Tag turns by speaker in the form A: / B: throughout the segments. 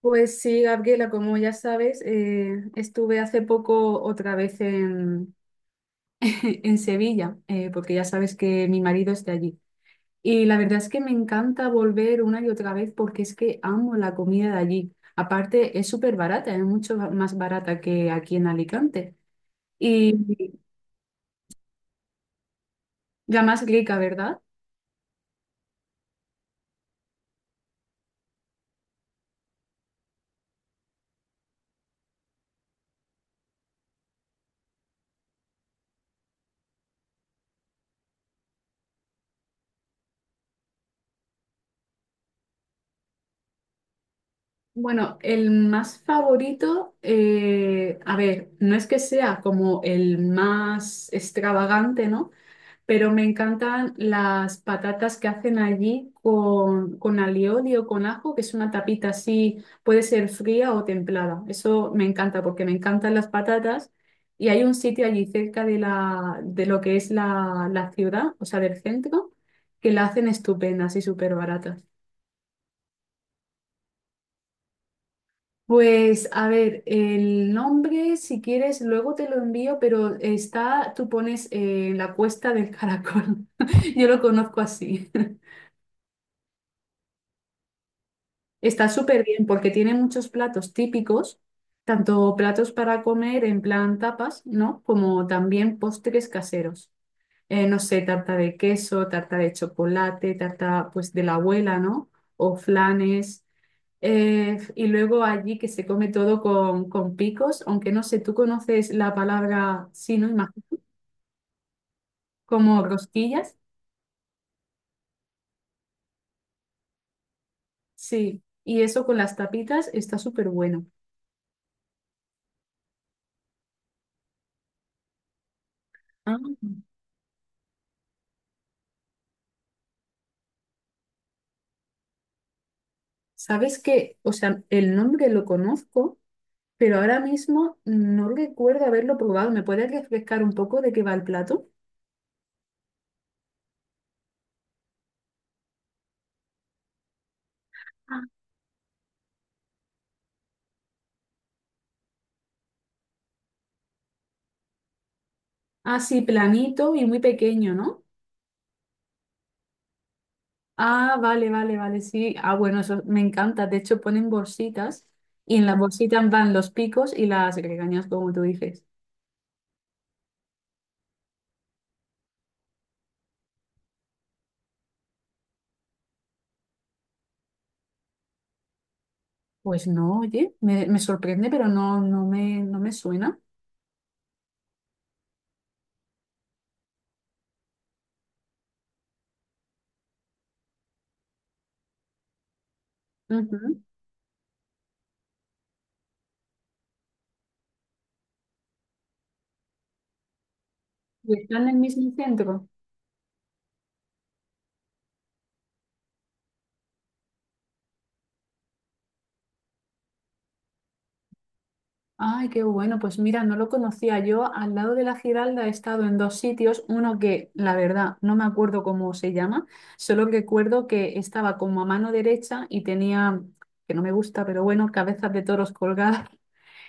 A: Pues sí, Gabriela, como ya sabes, estuve hace poco otra vez en Sevilla, porque ya sabes que mi marido es de allí. Y la verdad es que me encanta volver una y otra vez porque es que amo la comida de allí. Aparte, es súper barata, es mucho más barata que aquí en Alicante. Y la más rica, ¿verdad? Bueno, el más favorito, a ver, no es que sea como el más extravagante, ¿no? Pero me encantan las patatas que hacen allí con alioli o con ajo, que es una tapita así, puede ser fría o templada. Eso me encanta porque me encantan las patatas. Y hay un sitio allí cerca de lo que es la ciudad, o sea, del centro, que la hacen estupendas y súper baratas. Pues a ver, el nombre, si quieres, luego te lo envío, pero está, tú pones la cuesta del caracol. Yo lo conozco así. Está súper bien porque tiene muchos platos típicos, tanto platos para comer en plan tapas, ¿no? Como también postres caseros. No sé, tarta de queso, tarta de chocolate, tarta pues de la abuela, ¿no? O flanes. Y luego allí que se come todo con picos, aunque no sé, tú conoces la palabra, sí, ¿no? Imagino, como rosquillas, sí. Y eso con las tapitas está súper bueno. Ah, ¿sabes qué? O sea, el nombre lo conozco, pero ahora mismo no recuerdo haberlo probado. ¿Me puedes refrescar un poco de qué va el plato? Ah. Ah, sí, planito y muy pequeño, ¿no? Ah, vale, vale, vale, sí. Ah, bueno, eso me encanta. De hecho, ponen bolsitas y en las bolsitas van los picos y las regañas, como tú dices. Pues no, oye, me sorprende, pero no, no me suena. Ujú. ¿Y están en el mismo centro? Ay, qué bueno, pues mira, no lo conocía. Yo al lado de la Giralda he estado en dos sitios, uno que la verdad no me acuerdo cómo se llama, solo que recuerdo que estaba como a mano derecha y tenía, que no me gusta, pero bueno, cabezas de toros colgadas.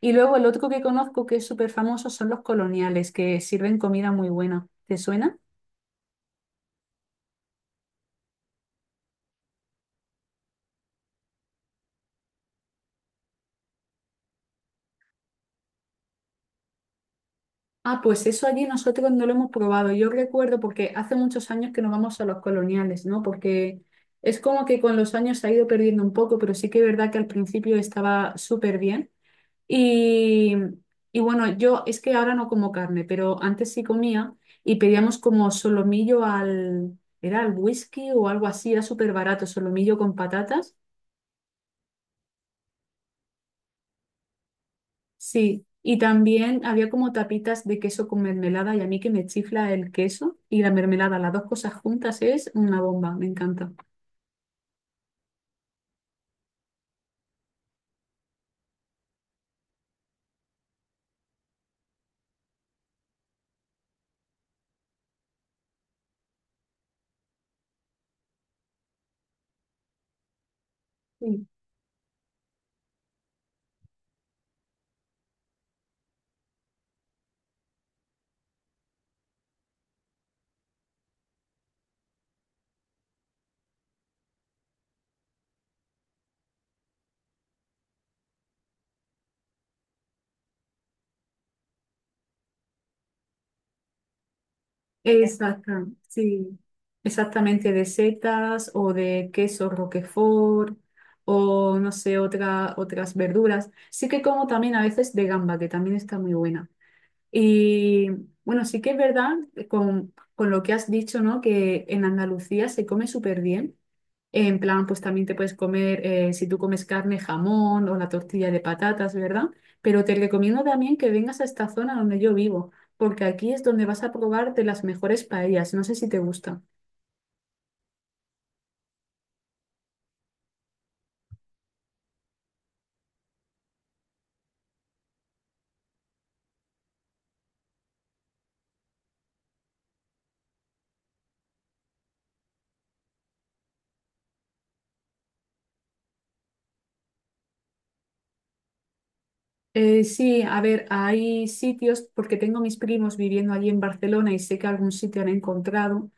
A: Y luego el otro que conozco que es súper famoso son los coloniales, que sirven comida muy buena. ¿Te suena? Ah, pues eso allí nosotros no lo hemos probado. Yo recuerdo porque hace muchos años que no vamos a los coloniales, ¿no? Porque es como que con los años se ha ido perdiendo un poco, pero sí que es verdad que al principio estaba súper bien. Y, y bueno, yo es que ahora no como carne, pero antes sí comía y pedíamos como era al whisky o algo así, era súper barato, solomillo con patatas. Sí, y también había como tapitas de queso con mermelada y a mí que me chifla el queso y la mermelada, las dos cosas juntas es una bomba, me encanta. Sí. Exacta, sí, exactamente de setas o de queso roquefort o no sé, otras verduras. Sí que como también a veces de gamba, que también está muy buena. Y bueno, sí que es verdad con lo que has dicho, ¿no? Que en Andalucía se come súper bien. En plan, pues también te puedes comer, si tú comes carne, jamón o la tortilla de patatas, ¿verdad? Pero te recomiendo también que vengas a esta zona donde yo vivo, porque aquí es donde vas a probar de las mejores paellas. No sé si te gusta. Sí, a ver, hay sitios, porque tengo mis primos viviendo allí en Barcelona y sé que algún sitio han encontrado.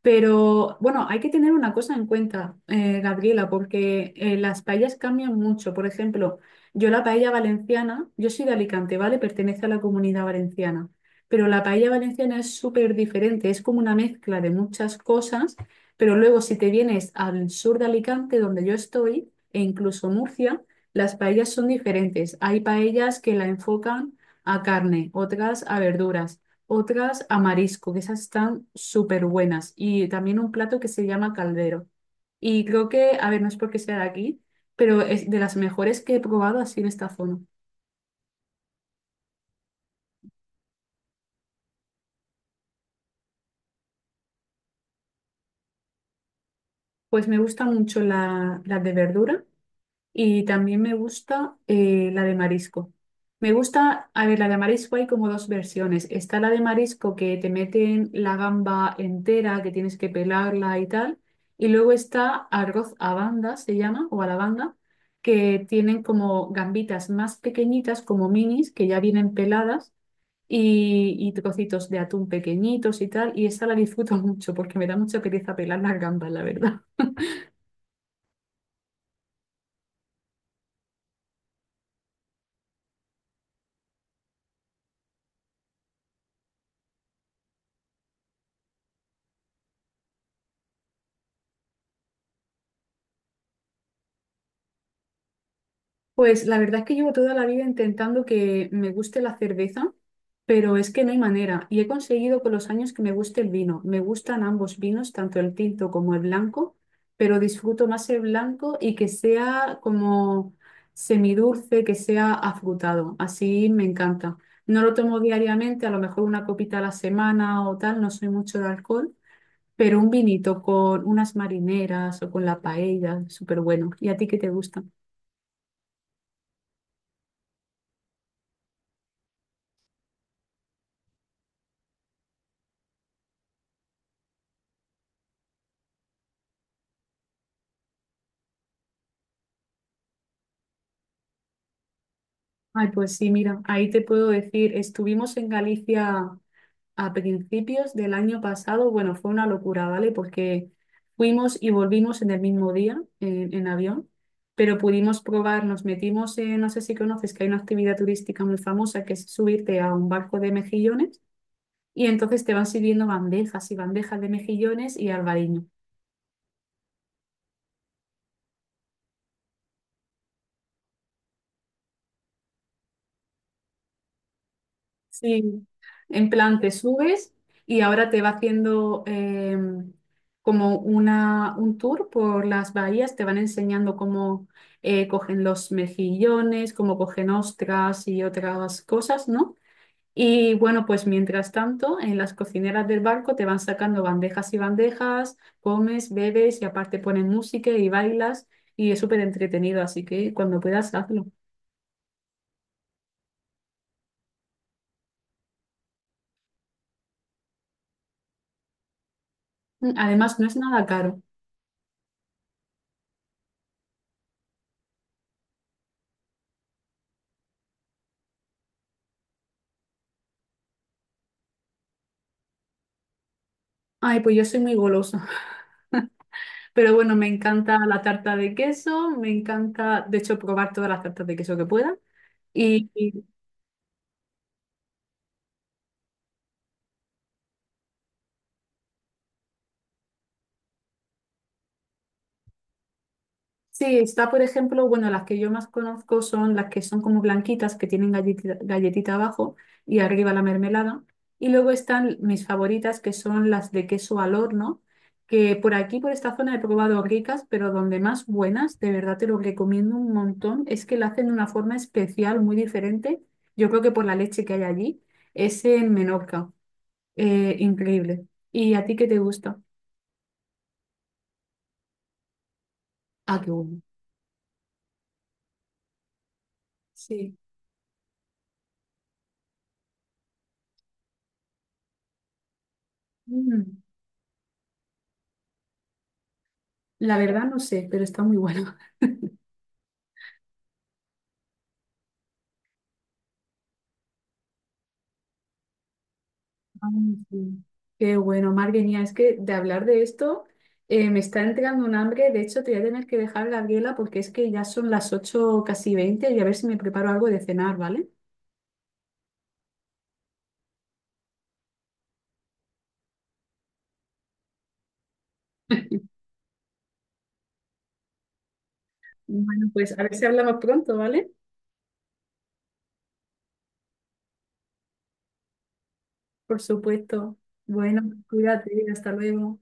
A: Pero bueno, hay que tener una cosa en cuenta, Gabriela, porque las paellas cambian mucho. Por ejemplo, yo la paella valenciana, yo soy de Alicante, ¿vale? Pertenece a la comunidad valenciana. Pero la paella valenciana es súper diferente, es como una mezcla de muchas cosas, pero luego si te vienes al sur de Alicante, donde yo estoy, e incluso Murcia, las paellas son diferentes. Hay paellas que la enfocan a carne, otras a verduras, otras a marisco, que esas están súper buenas. Y también un plato que se llama caldero. Y creo que, a ver, no es porque sea de aquí, pero es de las mejores que he probado así en esta zona. Pues me gusta mucho la de verdura. Y también me gusta la de marisco. Me gusta, a ver, la de marisco hay como dos versiones. Está la de marisco que te meten la gamba entera, que tienes que pelarla y tal. Y luego está arroz a banda, se llama, o a la banda, que tienen como gambitas más pequeñitas, como minis, que ya vienen peladas, y trocitos de atún pequeñitos y tal. Y esta la disfruto mucho porque me da mucha pereza pelar las gambas, la verdad. Pues la verdad es que llevo toda la vida intentando que me guste la cerveza, pero es que no hay manera. Y he conseguido con los años que me guste el vino. Me gustan ambos vinos, tanto el tinto como el blanco, pero disfruto más el blanco y que sea como semidulce, que sea afrutado. Así me encanta. No lo tomo diariamente, a lo mejor una copita a la semana o tal, no soy mucho de alcohol, pero un vinito con unas marineras o con la paella, súper bueno. ¿Y a ti qué te gusta? Ay, pues sí, mira, ahí te puedo decir, estuvimos en Galicia a principios del año pasado, bueno, fue una locura, ¿vale? Porque fuimos y volvimos en el mismo día en avión, pero pudimos probar, nos metimos en, no sé si conoces, que hay una actividad turística muy famosa que es subirte a un barco de mejillones y entonces te van sirviendo bandejas y bandejas de mejillones y albariño. Sí, en plan te subes y ahora te va haciendo como un tour por las bahías, te van enseñando cómo cogen los mejillones, cómo cogen ostras y otras cosas, ¿no? Y bueno, pues mientras tanto, en las cocineras del barco te van sacando bandejas y bandejas, comes, bebes y aparte ponen música y bailas y es súper entretenido, así que cuando puedas hazlo. Además, no es nada caro. Ay, pues yo soy muy golosa. Pero bueno, me encanta la tarta de queso, me encanta, de hecho, probar todas las tartas de queso que pueda. Y, y sí, está, por ejemplo, bueno, las que yo más conozco son las que son como blanquitas, que tienen galletita abajo y arriba la mermelada. Y luego están mis favoritas, que son las de queso al horno, que por aquí, por esta zona, he probado ricas, pero donde más buenas, de verdad te lo recomiendo un montón, es que la hacen de una forma especial, muy diferente. Yo creo que por la leche que hay allí, es en Menorca. Increíble. ¿Y a ti qué te gusta? Ah, qué bueno. Sí. Mm, la verdad no sé, pero está muy bueno. Ah, sí. Qué bueno, Marguerita, es que de hablar de esto me está entrando un hambre. De hecho, te voy a tener que dejar, Gabriela, porque es que ya son las 8 casi 20 y a ver si me preparo algo de cenar, ¿vale? Bueno, pues a ver si hablamos pronto, ¿vale? Por supuesto. Bueno, cuídate, hasta luego.